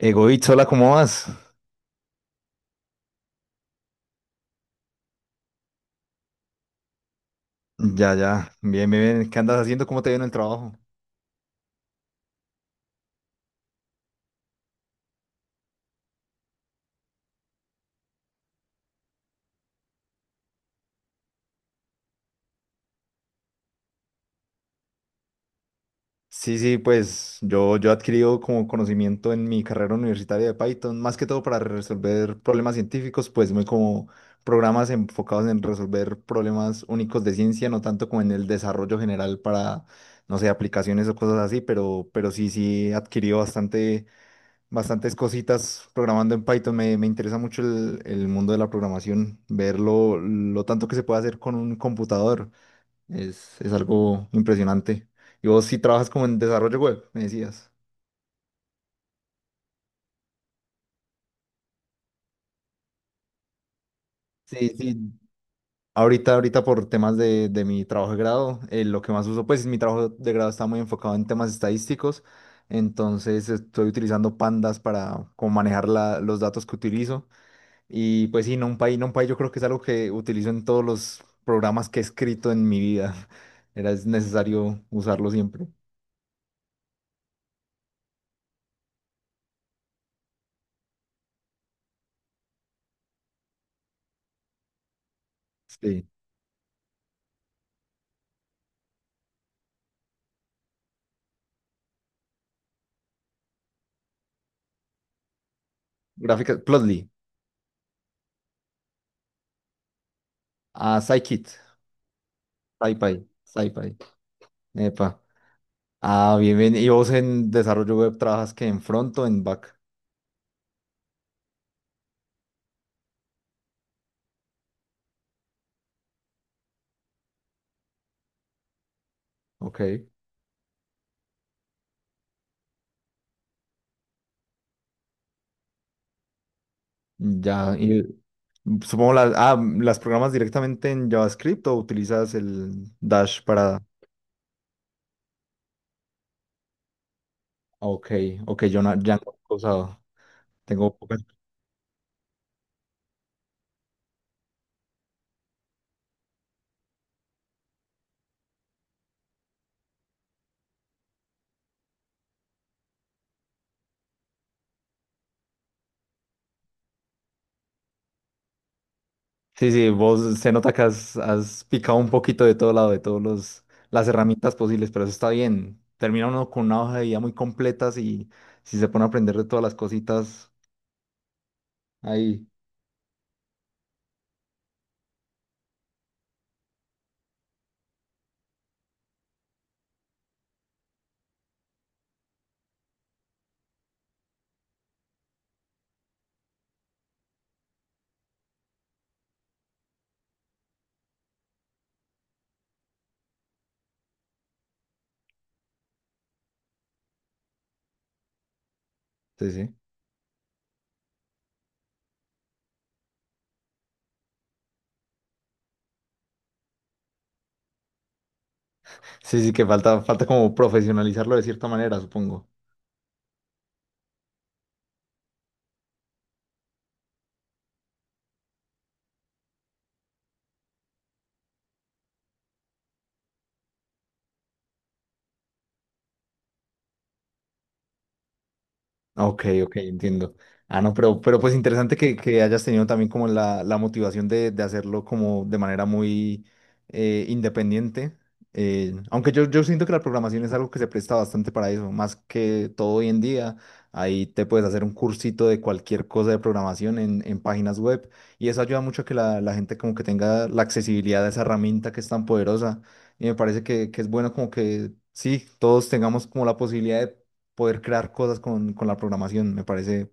Egoísta, hola, ¿cómo vas? Ya, ya, bien, bien, bien. ¿Qué andas haciendo? ¿Cómo te viene el trabajo? Sí, sí, pues yo he adquirido como conocimiento en mi carrera universitaria de Python, más que todo para resolver problemas científicos, pues muy como programas enfocados en resolver problemas únicos de ciencia, no tanto como en el desarrollo general para, no sé, aplicaciones o cosas así, pero sí, sí, he adquirido bastantes cositas programando en Python. Me interesa mucho el mundo de la programación, ver lo tanto que se puede hacer con un computador. Es algo impresionante. Y vos sí trabajas como en desarrollo web, me decías. Sí, sí. Ahorita por temas de mi trabajo de grado, lo que más uso, pues mi trabajo de grado está muy enfocado en temas estadísticos, entonces estoy utilizando pandas para como manejar los datos que utilizo. Y pues sí, NumPy yo creo que es algo que utilizo en todos los programas que he escrito en mi vida. Es necesario usarlo siempre. Sí. Gráficas, Plotly, a Scikit, SciPy. Epa. Ah, bien, bien. ¿Y vos en desarrollo web trabajas que en front o en back? Ok. Ya, y supongo las programas directamente en JavaScript o utilizas el Dash para. Ok, ok, yo no, ya no he usado. Tengo poca. Sí, sí, vos se nota que has picado un poquito de todo lado, de todos los las herramientas posibles, pero eso está bien. Termina uno con una hoja de vida muy completa si se pone a aprender de todas las cositas ahí. Sí, sí. Sí, sí, que falta como profesionalizarlo de cierta manera, supongo. Ok, ok, entiendo. Ah, no, pero pues interesante que hayas tenido también como la motivación de hacerlo como de manera muy independiente. Aunque yo siento que la programación es algo que se presta bastante para eso, más que todo hoy en día. Ahí te puedes hacer un cursito de cualquier cosa de programación en páginas web y eso ayuda mucho a que la gente como que tenga la accesibilidad a esa herramienta que es tan poderosa. Y me parece que es bueno como que sí, todos tengamos como la posibilidad poder crear cosas con la programación. Me parece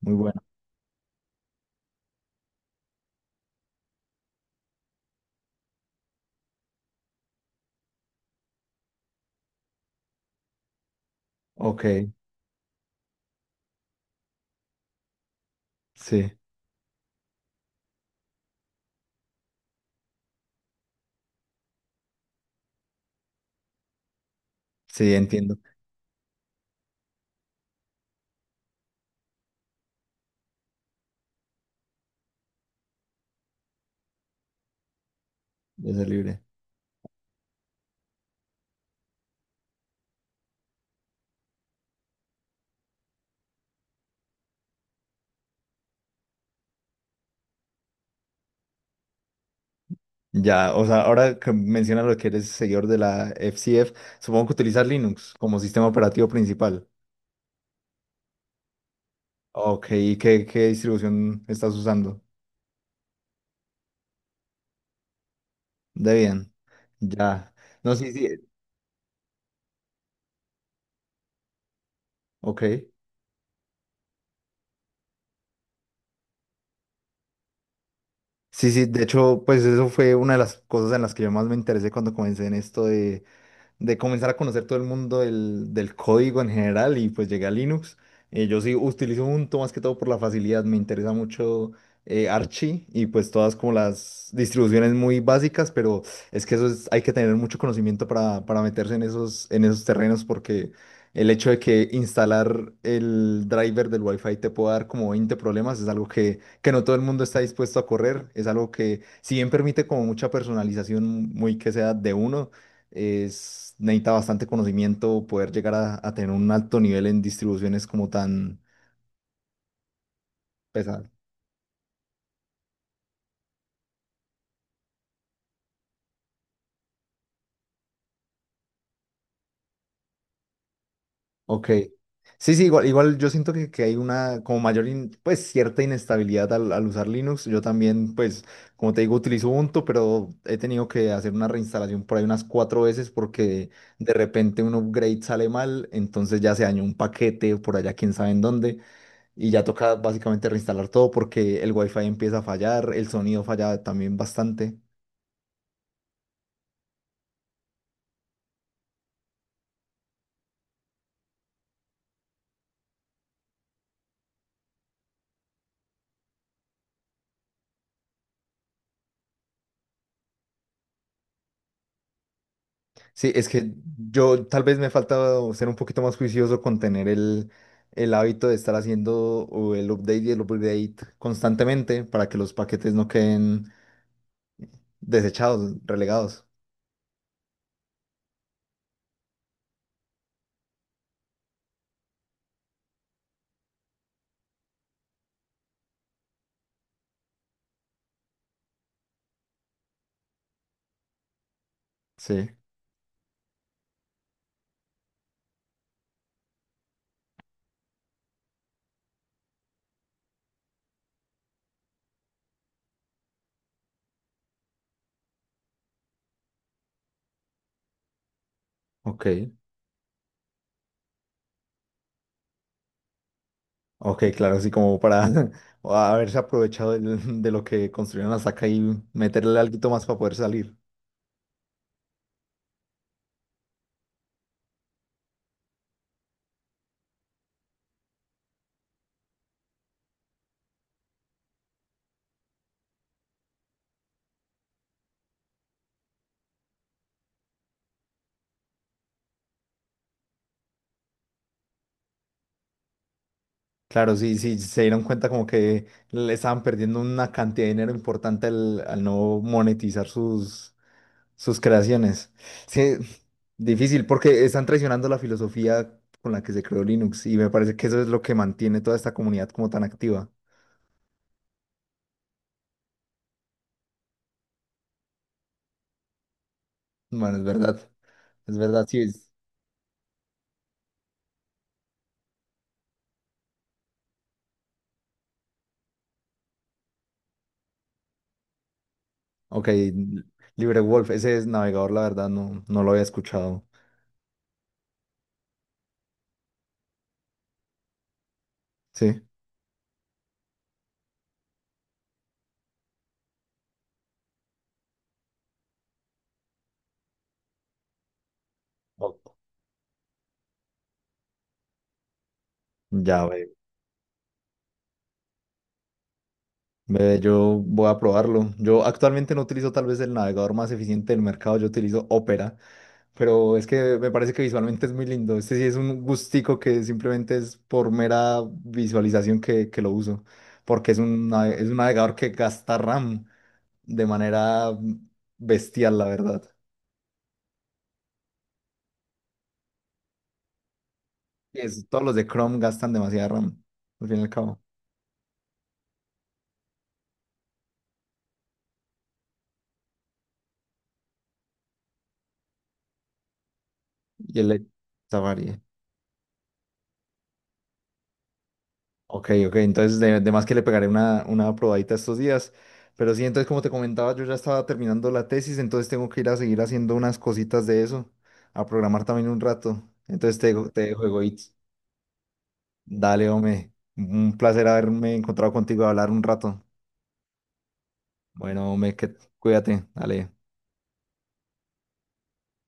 muy bueno. Ok, sí, sí, entiendo. De ser libre. Ya, o sea, ahora que mencionas lo que eres seguidor de la FCF, supongo que utilizas Linux como sistema operativo principal. Ok, ¿y qué, qué distribución estás usando? Debian. Ya. No, sí, sí. Ok. Sí, sí, de hecho, pues eso fue una de las cosas en las que yo más me interesé cuando comencé en esto de comenzar a conocer todo el mundo del código en general y pues llegué a Linux. Yo sí utilizo Ubuntu más que todo por la facilidad, me interesa mucho Archie y pues todas como las distribuciones muy básicas, pero es que eso es, hay que tener mucho conocimiento para meterse en en esos terrenos porque el hecho de que instalar el driver del Wi-Fi te pueda dar como 20 problemas es algo que no todo el mundo está dispuesto a correr, es algo que si bien permite como mucha personalización muy que sea de uno, es, necesita bastante conocimiento poder llegar a tener un alto nivel en distribuciones como tan pesadas. Ok. Sí, sí, igual, igual yo siento que hay una como mayor, pues cierta inestabilidad al usar Linux. Yo también, pues, como te digo, utilizo Ubuntu, pero he tenido que hacer una reinstalación por ahí unas cuatro veces porque de repente un upgrade sale mal, entonces ya se dañó un paquete por allá, quién sabe en dónde, y ya toca básicamente reinstalar todo porque el wifi empieza a fallar, el sonido falla también bastante. Sí, es que yo tal vez me falta ser un poquito más juicioso con tener el hábito de estar haciendo o el update y el upgrade constantemente para que los paquetes no queden desechados, relegados. Sí, ok. Ok, claro, así como para o haberse aprovechado de, lo que construyeron hasta acá y meterle algo más para poder salir. Claro, sí, sí, se dieron cuenta como que le estaban perdiendo una cantidad de dinero importante al no monetizar sus creaciones. Sí, difícil porque están traicionando la filosofía con la que se creó Linux y me parece que eso es lo que mantiene toda esta comunidad como tan activa. Bueno, es verdad, sí. Es... Ok, LibreWolf, ese es navegador, la verdad, no, no lo había escuchado. Sí. Ok. Ya, ve, ve, yo voy a probarlo. Yo actualmente no utilizo tal vez el navegador más eficiente del mercado, yo utilizo Opera. Pero es que me parece que visualmente es muy lindo. Este sí es un gustico que simplemente es por mera visualización que lo uso. Porque es un navegador que gasta RAM de manera bestial, la verdad. Todos los de Chrome gastan demasiada RAM, al fin y al cabo. Y el de Safari. Ok, ok, entonces de más que le pegaré una probadita estos días. Pero sí, entonces como te comentaba, yo ya estaba terminando la tesis, entonces tengo que ir a seguir haciendo unas cositas de eso, a programar también un rato. Entonces te dejo, Egoitz. Dale, hombre, un placer haberme encontrado contigo a hablar un rato. Bueno, hombre, que, cuídate, dale.